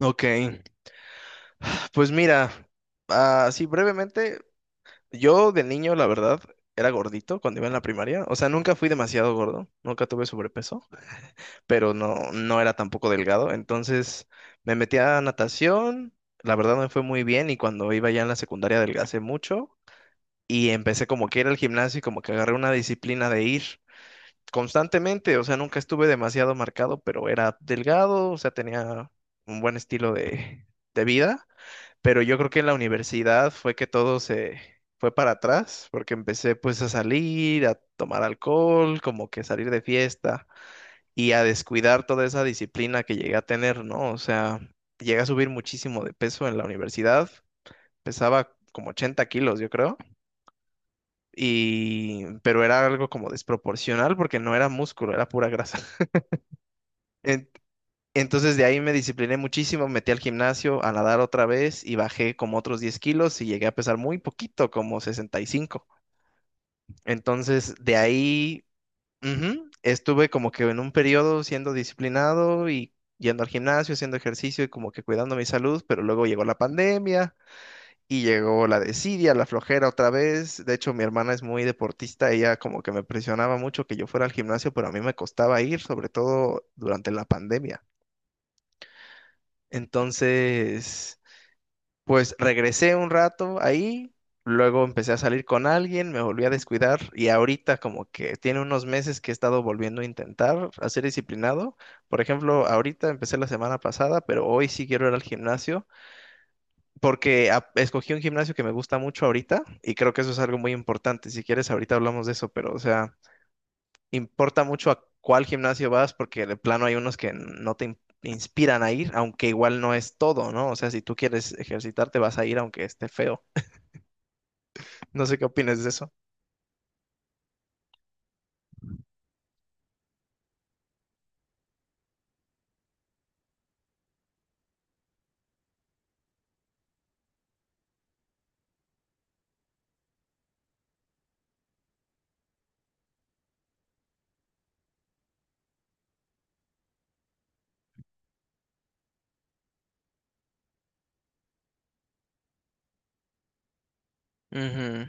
Ok, pues mira, así brevemente, yo de niño, la verdad, era gordito cuando iba en la primaria. O sea, nunca fui demasiado gordo, nunca tuve sobrepeso, pero no, no era tampoco delgado. Entonces me metí a natación, la verdad me fue muy bien y cuando iba ya en la secundaria adelgacé mucho y empecé como que ir al gimnasio y como que agarré una disciplina de ir constantemente. O sea, nunca estuve demasiado marcado, pero era delgado, o sea, tenía un buen estilo de vida. Pero yo creo que en la universidad fue que todo se fue para atrás, porque empecé pues a salir, a tomar alcohol, como que salir de fiesta y a descuidar toda esa disciplina que llegué a tener, ¿no? O sea, llegué a subir muchísimo de peso en la universidad, pesaba como 80 kilos, yo creo, y pero era algo como desproporcional porque no era músculo, era pura grasa. En- Entonces de ahí me discipliné muchísimo, me metí al gimnasio a nadar otra vez y bajé como otros 10 kilos y llegué a pesar muy poquito, como 65. Entonces de ahí. Ujú, estuve como que en un periodo siendo disciplinado y yendo al gimnasio, haciendo ejercicio y como que cuidando mi salud, pero luego llegó la pandemia y llegó la desidia, la flojera otra vez. De hecho, mi hermana es muy deportista, ella como que me presionaba mucho que yo fuera al gimnasio, pero a mí me costaba ir, sobre todo durante la pandemia. Entonces... Pues regresé un rato ahí, luego empecé a salir con alguien, me volví a descuidar y ahorita como que tiene unos meses que he estado volviendo a intentar a ser disciplinado. Por ejemplo, ahorita empecé la semana pasada, pero hoy sí quiero ir al gimnasio porque escogí un gimnasio que me gusta mucho ahorita y creo que eso es algo muy importante. Si quieres, ahorita hablamos de eso, pero o sea, importa mucho a cuál gimnasio vas porque de plano hay unos que no te inspiran a ir, aunque igual no es todo, ¿no? O sea, si tú quieres ejercitarte, vas a ir aunque esté feo. No sé qué opinas de eso. Ujú,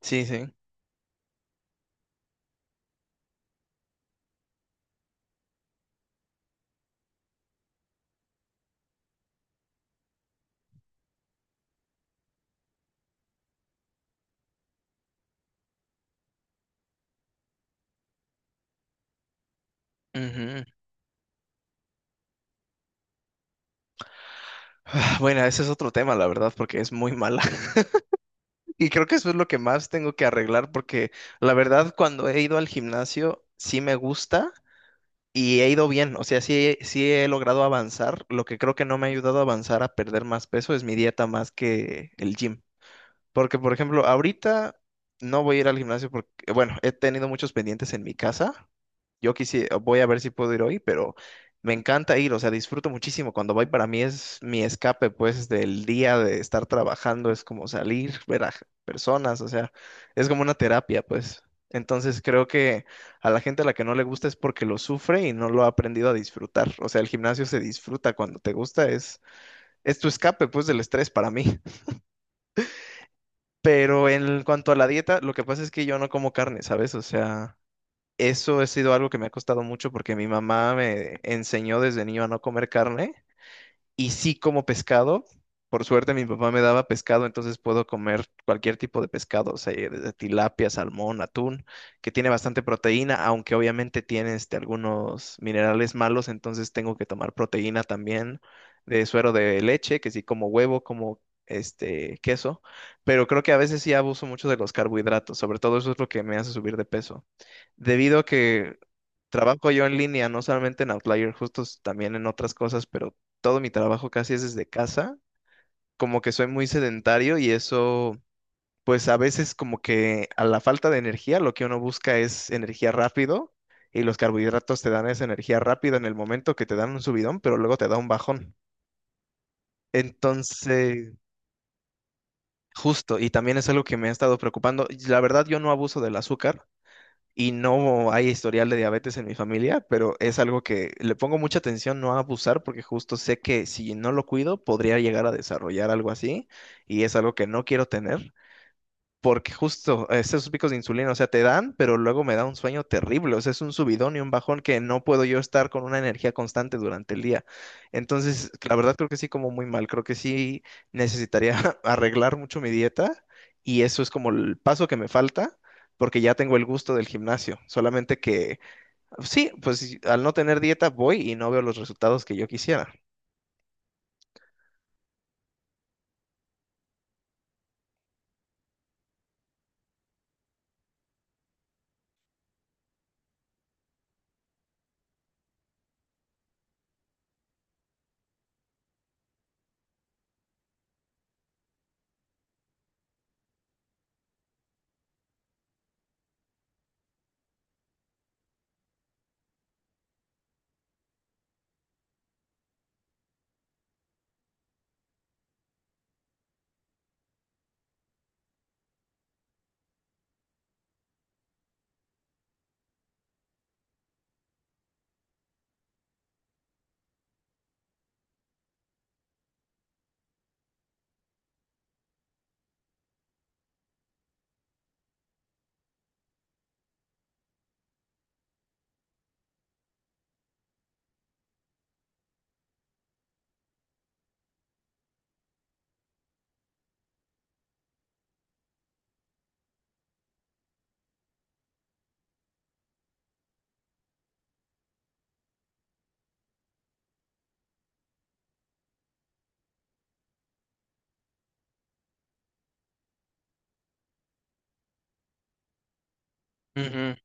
sí, sí. Ujú. Ah, bueno, ese es otro tema, la verdad, porque es muy mala. Y creo que eso es lo que más tengo que arreglar, porque la verdad, cuando he ido al gimnasio, sí me gusta y he ido bien. O sea, sí, sí he logrado avanzar. Lo que creo que no me ha ayudado a avanzar a perder más peso es mi dieta más que el gym. Porque, por ejemplo, ahorita no voy a ir al gimnasio porque, bueno, he tenido muchos pendientes en mi casa. Yo quisiera, voy a ver si puedo ir hoy, pero me encanta ir, o sea, disfruto muchísimo. Cuando voy para mí es mi escape, pues, del día de estar trabajando, es como salir, ver a personas, o sea, es como una terapia, pues. Entonces creo que a la gente a la que no le gusta es porque lo sufre y no lo ha aprendido a disfrutar. O sea, el gimnasio se disfruta cuando te gusta, es tu escape, pues, del estrés para mí. Pero en cuanto a la dieta, lo que pasa es que yo no como carne, ¿sabes? O sea... Eso ha sido algo que me ha costado mucho porque mi mamá me enseñó desde niño a no comer carne y sí como pescado. Por suerte mi papá me daba pescado, entonces puedo comer cualquier tipo de pescado, o sea, desde tilapia, salmón, atún, que tiene bastante proteína, aunque obviamente tiene algunos minerales malos, entonces tengo que tomar proteína también de suero de leche, que sí como huevo, como este queso, pero creo que a veces sí abuso mucho de los carbohidratos, sobre todo eso es lo que me hace subir de peso debido a que trabajo yo en línea, no solamente en Outlier, justo también en otras cosas, pero todo mi trabajo casi es desde casa. Como que soy muy sedentario y eso, pues a veces como que a la falta de energía, lo que uno busca es energía rápido y los carbohidratos te dan esa energía rápida en el momento que te dan un subidón, pero luego te da un bajón. Entonces, justo, Y también es algo que me ha estado preocupando. Y la verdad, yo no abuso del azúcar, y no hay historial de diabetes en mi familia, pero es algo que le pongo mucha atención no a abusar porque justo sé que si no lo cuido podría llegar a desarrollar algo así y es algo que no quiero tener. Porque justo esos picos de insulina, o sea, te dan, pero luego me da un sueño terrible, o sea, es un subidón y un bajón que no puedo yo estar con una energía constante durante el día. Entonces, la verdad creo que sí como muy mal, creo que sí necesitaría arreglar mucho mi dieta y eso es como el paso que me falta porque ya tengo el gusto del gimnasio, solamente que sí, pues sí, al no tener dieta voy y no veo los resultados que yo quisiera. Ujú,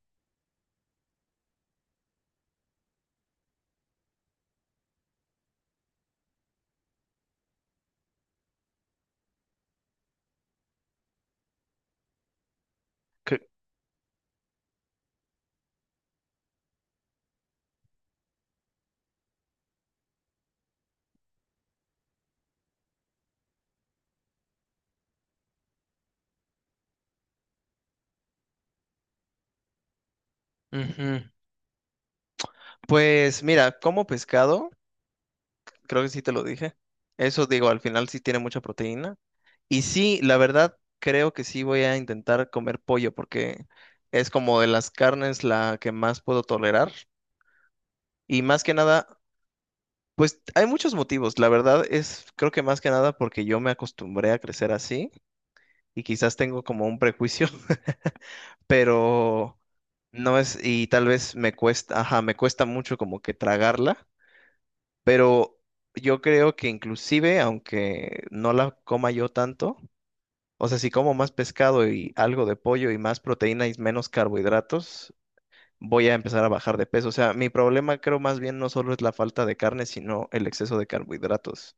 que- ujú. Pues mira, como pescado, creo que sí te lo dije. Eso digo, al final sí tiene mucha proteína. Y sí, la verdad, creo que sí voy a intentar comer pollo porque es como de las carnes la que más puedo tolerar. Y más que nada, pues hay muchos motivos. La verdad es, creo que más que nada porque yo me acostumbré a crecer así y quizás tengo como un prejuicio, pero no es, y tal vez me cuesta, ajá, me cuesta mucho como que tragarla. Pero yo creo que inclusive, aunque no la coma yo tanto, o sea, si como más pescado y algo de pollo y más proteína y menos carbohidratos, voy a empezar a bajar de peso. O sea, mi problema creo más bien no solo es la falta de carne, sino el exceso de carbohidratos.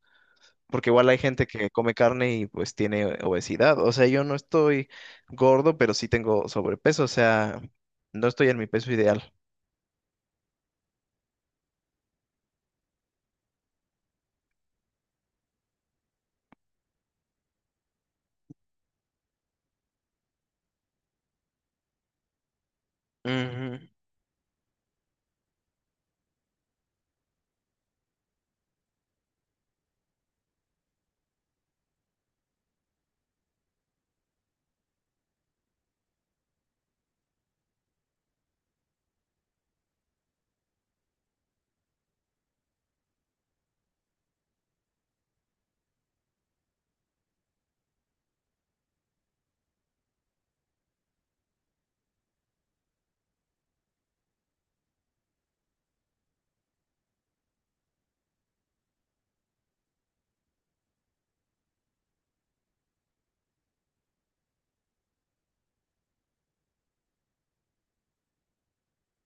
Porque igual hay gente que come carne y pues tiene obesidad. O sea, yo no estoy gordo, pero sí tengo sobrepeso. O sea, no estoy en mi peso ideal. Ujú.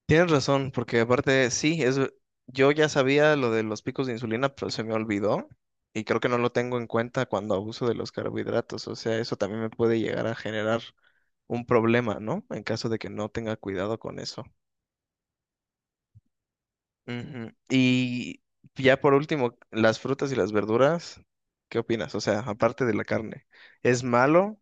Tienes razón, porque aparte sí, yo ya sabía lo de los picos de insulina, pero se me olvidó y creo que no lo tengo en cuenta cuando abuso de los carbohidratos, o sea, eso también me puede llegar a generar un problema, ¿no? En caso de que no tenga cuidado con eso. Ujú. Y ya por último, las frutas y las verduras, ¿qué opinas? O sea, aparte de la carne, ¿es malo?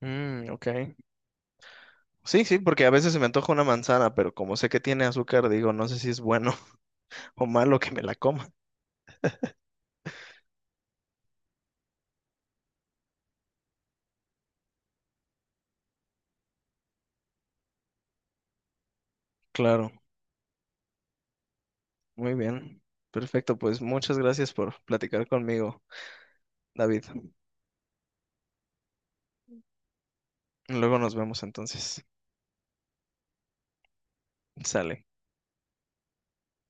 Mm, ok. Sí, sí, porque a veces se me antoja una manzana, pero como sé que tiene azúcar, digo, no sé si es bueno o malo que me la coma. Claro. Muy bien. Perfecto, pues muchas gracias por platicar conmigo, David. Luego nos vemos entonces. Sale.